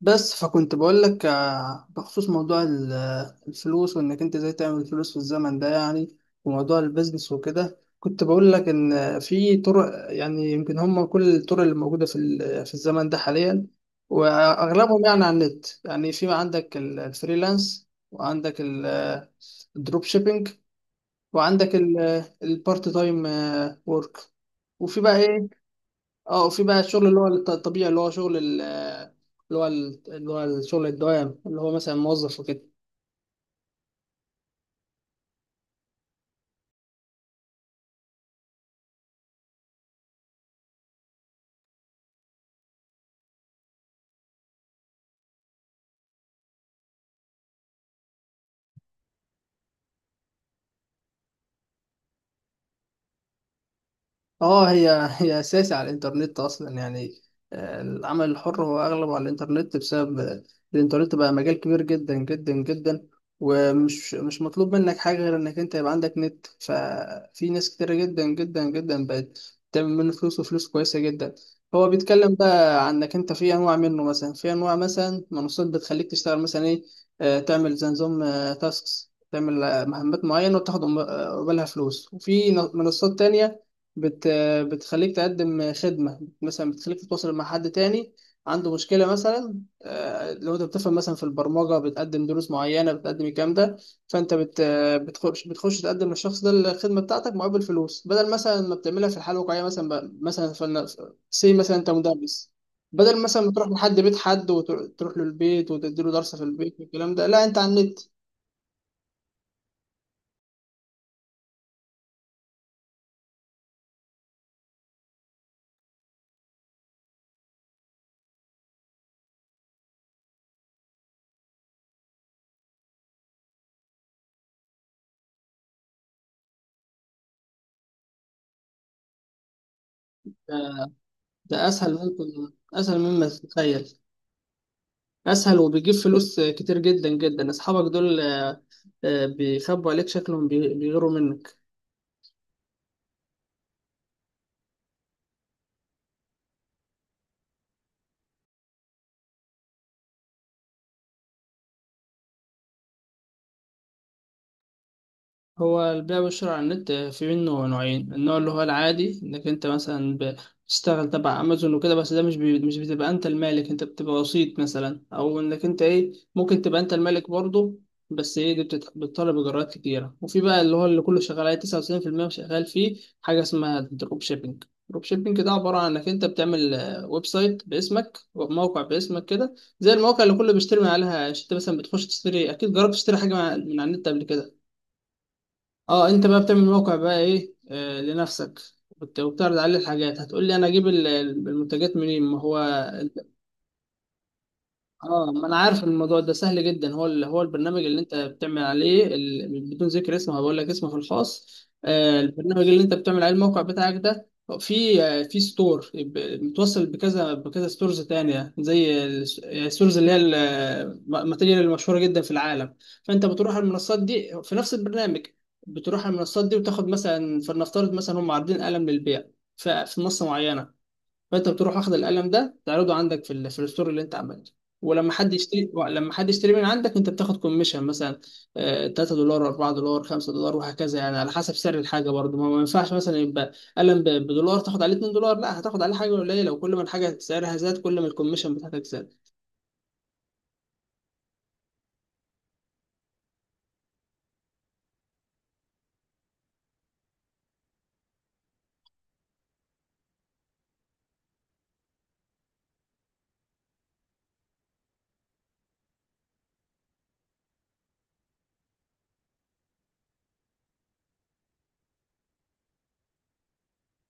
بس فكنت بقول لك بخصوص موضوع الفلوس وانك انت ازاي تعمل فلوس في الزمن ده يعني. وموضوع البيزنس وكده كنت بقول لك ان في طرق يعني يمكن هم كل الطرق اللي موجوده في في الزمن ده حاليا، واغلبهم يعني على النت. يعني في عندك الفريلانس، وعندك الدروب شيبينج، وعندك البارت تايم وورك، وفي بقى ايه. اه، وفي بقى الشغل اللي هو الطبيعي اللي هو شغل اللي هو الشغل الدوام اللي هو مثلا موظف وكده. اه، هي هي اساسي على الانترنت اصلا يعني. العمل الحر هو اغلبه على الانترنت بسبب الانترنت بقى مجال كبير جدا جدا جدا، ومش مش مطلوب منك حاجه غير انك انت يبقى عندك نت، ففي ناس كتير جدا جدا جدا بقت تعمل منه فلوس، وفلوس كويسه جدا. هو بيتكلم بقى عن انك انت في انواع منه، مثلا في انواع مثلا منصات بتخليك تشتغل مثلا ايه، تعمل زي نظام تاسكس، تعمل مهمات معينه وتاخد قبالها فلوس. وفي منصات تانية بت بتخليك تقدم خدمة، مثلا بتخليك تتواصل مع حد تاني عنده مشكلة مثلا. لو انت بتفهم مثلا في البرمجة، بتقدم دروس معينة، بتقدم الكلام ده. فانت بت بتخش بتخش تقدم للشخص ده الخدمة بتاعتك مقابل فلوس، بدل مثلا ما بتعملها في الحياة الواقعية. مثلا مثلا فلنا سي مثلا انت مدرس، بدل مثلا ما تروح لحد بيت حد وتروح له البيت وتديله درس في البيت والكلام ده، لا، انت على النت. ده ده اسهل، ممكن اسهل مما تتخيل. اسهل وبيجيب فلوس كتير جدا جدا. اصحابك دول بيخبوا عليك، شكلهم بيغيروا منك. هو البيع والشراء على النت في منه نوعين: النوع اللي هو العادي انك انت مثلا بتشتغل تبع امازون وكده، بس ده مش بتبقى انت المالك، انت بتبقى وسيط مثلا، او انك انت ايه ممكن تبقى انت المالك برضه، بس ايه دي بتطلب اجراءات كتيره. وفي بقى اللي هو اللي كله شغال عليه 99% شغال فيه، حاجه اسمها دروب شيبينج. دروب شيبينج ده عباره عن انك انت بتعمل ويب سايت باسمك وموقع باسمك كده، زي المواقع اللي كله بيشتري من عليها. يعني انت مثلا بتخش تشتري، اكيد جربت تشتري حاجه من على النت قبل كده. اه، انت بقى بتعمل موقع بقى ايه آه لنفسك، وبتعرض عليه الحاجات. هتقول لي انا اجيب المنتجات منين؟ ما هو اه، ما انا عارف، الموضوع ده سهل جدا. هو هو البرنامج اللي انت بتعمل عليه بدون ذكر اسمه، هقول لك اسمه في الخاص. آه، البرنامج اللي انت بتعمل عليه الموقع بتاعك ده في آه في ستور متوصل بكذا ستورز تانية، زي الستورز اللي هي الماتيريال المشهورة جدا في العالم. فانت بتروح على المنصات دي في نفس البرنامج، بتروح على المنصات دي وتاخد مثلا، فلنفترض مثلا هم عارضين قلم للبيع في منصة معينة، فانت بتروح اخد القلم ده تعرضه عندك في في الستور اللي انت عملته. ولما حد يشتري لما حد يشتري من عندك، انت بتاخد كوميشن مثلا 3 دولار، 4 دولار، 5 دولار، وهكذا، يعني على حسب سعر الحاجه برضه. ما ينفعش مثلا يبقى قلم بدولار تاخد عليه 2 دولار، لا، هتاخد عليه حاجه قليله، وكل ما الحاجه سعرها زاد كل ما الكوميشن بتاعتك زاد.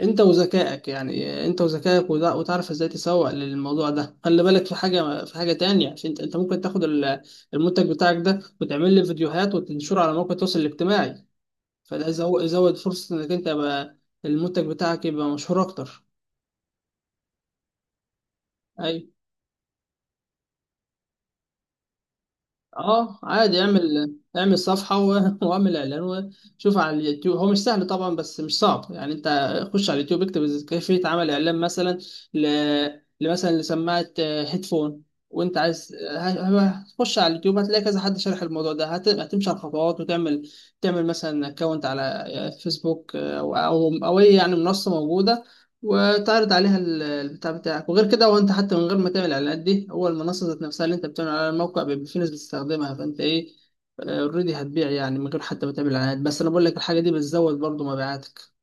انت وذكائك يعني، انت وذكائك، وتعرف ازاي تسوق للموضوع ده. خلي بالك في حاجه، في حاجه تانية، عشان انت ممكن تاخد المنتج بتاعك ده وتعمل له فيديوهات وتنشره على مواقع التواصل الاجتماعي، فده يزود فرصة انك انت يبقى المنتج بتاعك يبقى مشهور اكتر. اي، اه عادي، اعمل صفحة واعمل اعلان، وشوف على اليوتيوب. هو مش سهل طبعا بس مش صعب يعني. انت خش على اليوتيوب اكتب كيفية عمل اعلان مثلا ل... مثلا لسماعة هيدفون وانت عايز، هتخش على اليوتيوب هتلاقي كذا حد شارح الموضوع ده، هتمشي على الخطوات وتعمل، تعمل مثلا اكونت على فيسبوك، آه، او او أو اي يعني منصة موجودة، وتعرض عليها البتاع بتاعك. وغير كده، وانت حتى من غير ما تعمل الاعلانات دي، هو المنصه ذات نفسها اللي انت بتعمل على الموقع بيبقى في ناس بتستخدمها، فانت ايه اوريدي هتبيع، يعني من غير حتى ما تعمل اعلانات، بس انا بقول لك الحاجه دي بتزود برضو مبيعاتك.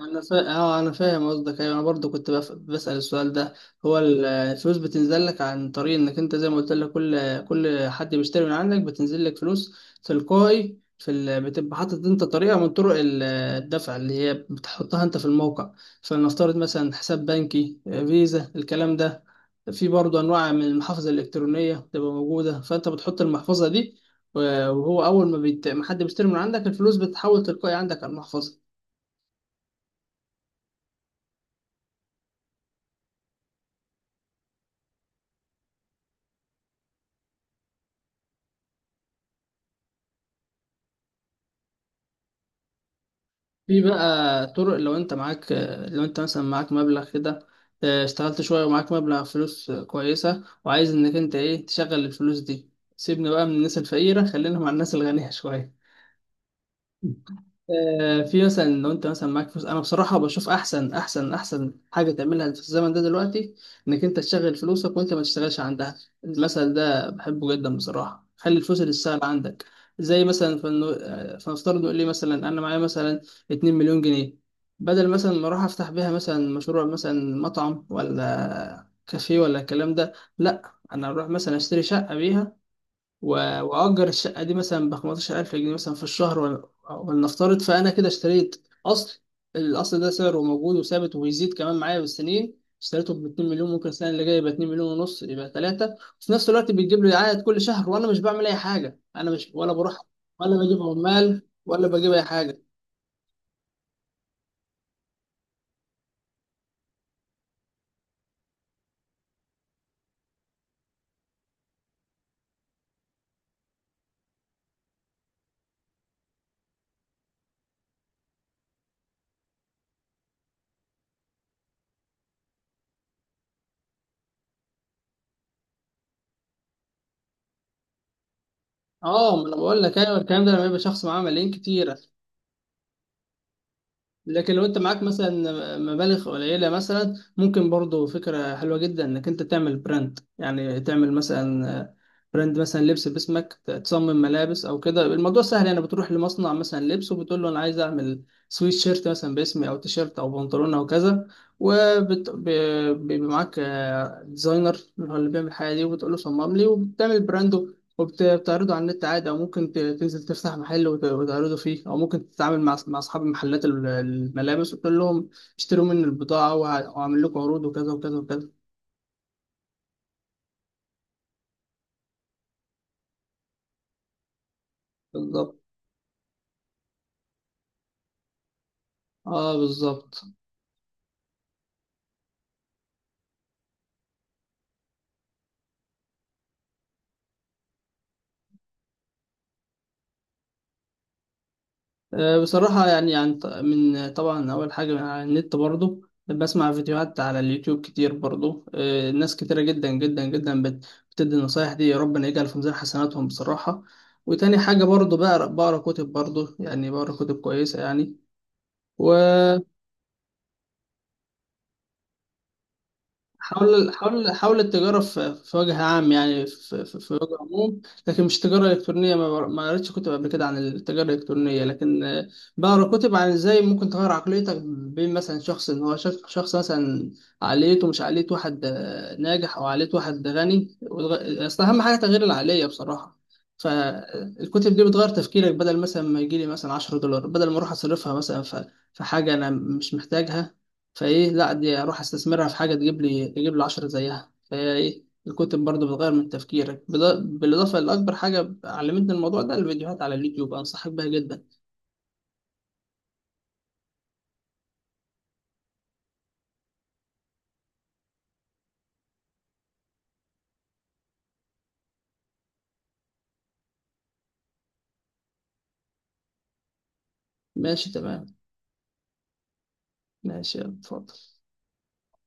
اه انا فاهم قصدك. ايوه انا برضو بسأل السؤال ده. هو الفلوس بتنزل لك عن طريق انك انت زي ما قلت لك، كل حد بيشتري من عندك بتنزل لك فلوس تلقائي. بتبقى حاطط انت طريقه من طرق الدفع اللي هي بتحطها انت في الموقع، فلنفترض مثلا حساب بنكي، فيزا، الكلام ده. في برضو انواع من المحافظ الالكترونيه بتبقى موجوده، فانت بتحط المحفظه دي، وهو اول ما حد بيشتري من عندك الفلوس بتتحول تلقائي عندك على المحفظه. في بقى طرق لو انت معاك، لو انت مثلا معاك مبلغ كده، اه، اشتغلت شوية ومعاك مبلغ فلوس كويسة وعايز انك انت ايه تشغل الفلوس دي. سيبنا بقى من الناس الفقيرة، خلينا مع الناس الغنية شوية. في مثلا لو انت مثلا معاك فلوس، انا بصراحه بشوف احسن احسن حاجه تعملها في الزمن ده دلوقتي انك انت تشغل فلوسك وانت ما تشتغلش عندها. المثل ده بحبه جدا بصراحه: خلي الفلوس اللي تشتغل عندك. زي مثلا فنو... آه، فنفترض نقول لي مثلا انا معايا مثلا 2 مليون جنيه، بدل مثلا ما اروح افتح بيها مثلا مشروع مثلا مطعم ولا كافيه ولا الكلام ده، لا، انا اروح مثلا اشتري شقه بيها، واجر الشقه دي مثلا ب 15000 جنيه مثلا في الشهر. ولنفترض، فانا كده اشتريت اصل. الاصل ده سعره موجود وثابت وبيزيد كمان معايا بالسنين، اشتريته ب 2 مليون، ممكن السنه اللي جايه يبقى 2 مليون ونص، يبقى 3، وفي نفس الوقت بيجيب لي عائد كل شهر وانا مش بعمل اي حاجه، انا مش ولا بروح ولا بجيب عمال ولا بجيب اي حاجه. اه، ما انا بقول لك ايوه الكلام ده لما يبقى شخص معاه ملايين كتير، لكن لو انت معاك مثلا مبالغ قليله مثلا، ممكن برضو فكره حلوه جدا انك انت تعمل براند، يعني تعمل مثلا براند مثلا لبس باسمك، تصمم ملابس او كده. الموضوع سهل يعني، بتروح لمصنع مثلا لبس وبتقول له انا عايز اعمل سويت شيرت مثلا باسمي او تيشيرت او بنطلون او كذا، وبيبقى معاك ديزاينر اللي هو اللي بيعمل الحاجه دي وبتقول له صمم لي، وبتعمل براند وبتعرضه على النت عادي، او ممكن تنزل تفتح محل وتعرضه فيه، او ممكن تتعامل مع اصحاب محلات الملابس وتقول لهم اشتروا مني البضاعه، وهعمل لكم عروض وكذا وكذا وكذا. بالظبط. اه بالظبط. آه بصراحه يعني عن من طبعا اول حاجه من على النت برضه، بسمع فيديوهات على اليوتيوب كتير برضه. آه ناس كتيره جدا جدا جدا بتدي النصايح دي، ربنا يجعل في ميزان حسناتهم بصراحه. وتاني حاجه برضه بقرا كتب برضه، يعني بقرا كتب كويسه يعني. و حول حول التجارة في وجه عام يعني في في وجه عموم. لكن مش تجارة إلكترونية، ما قريتش كتب قبل كده عن التجارة الإلكترونية، لكن بقرا كتب عن إزاي ممكن تغير عقليتك، بين مثلا شخص إن هو شخص مثلا عقليته مش عقلية واحد ناجح، أو عقلية واحد غني. أصل أهم حاجة تغيير العقلية بصراحة، فالكتب دي بتغير تفكيرك. بدل مثلا ما يجيلي مثلا 10 دولار، بدل ما أروح أصرفها مثلا في في حاجة أنا مش محتاجها، فايه؟ لا، دي اروح استثمرها في حاجه تجيب لي 10 زيها. فهي ايه، الكتب برضه بتغير من تفكيرك، بالاضافه لاكبر حاجه علمتني الموضوع ده الفيديوهات على اليوتيوب، انصحك بيها جدا. ماشي تمام. ماشي، اتفضل.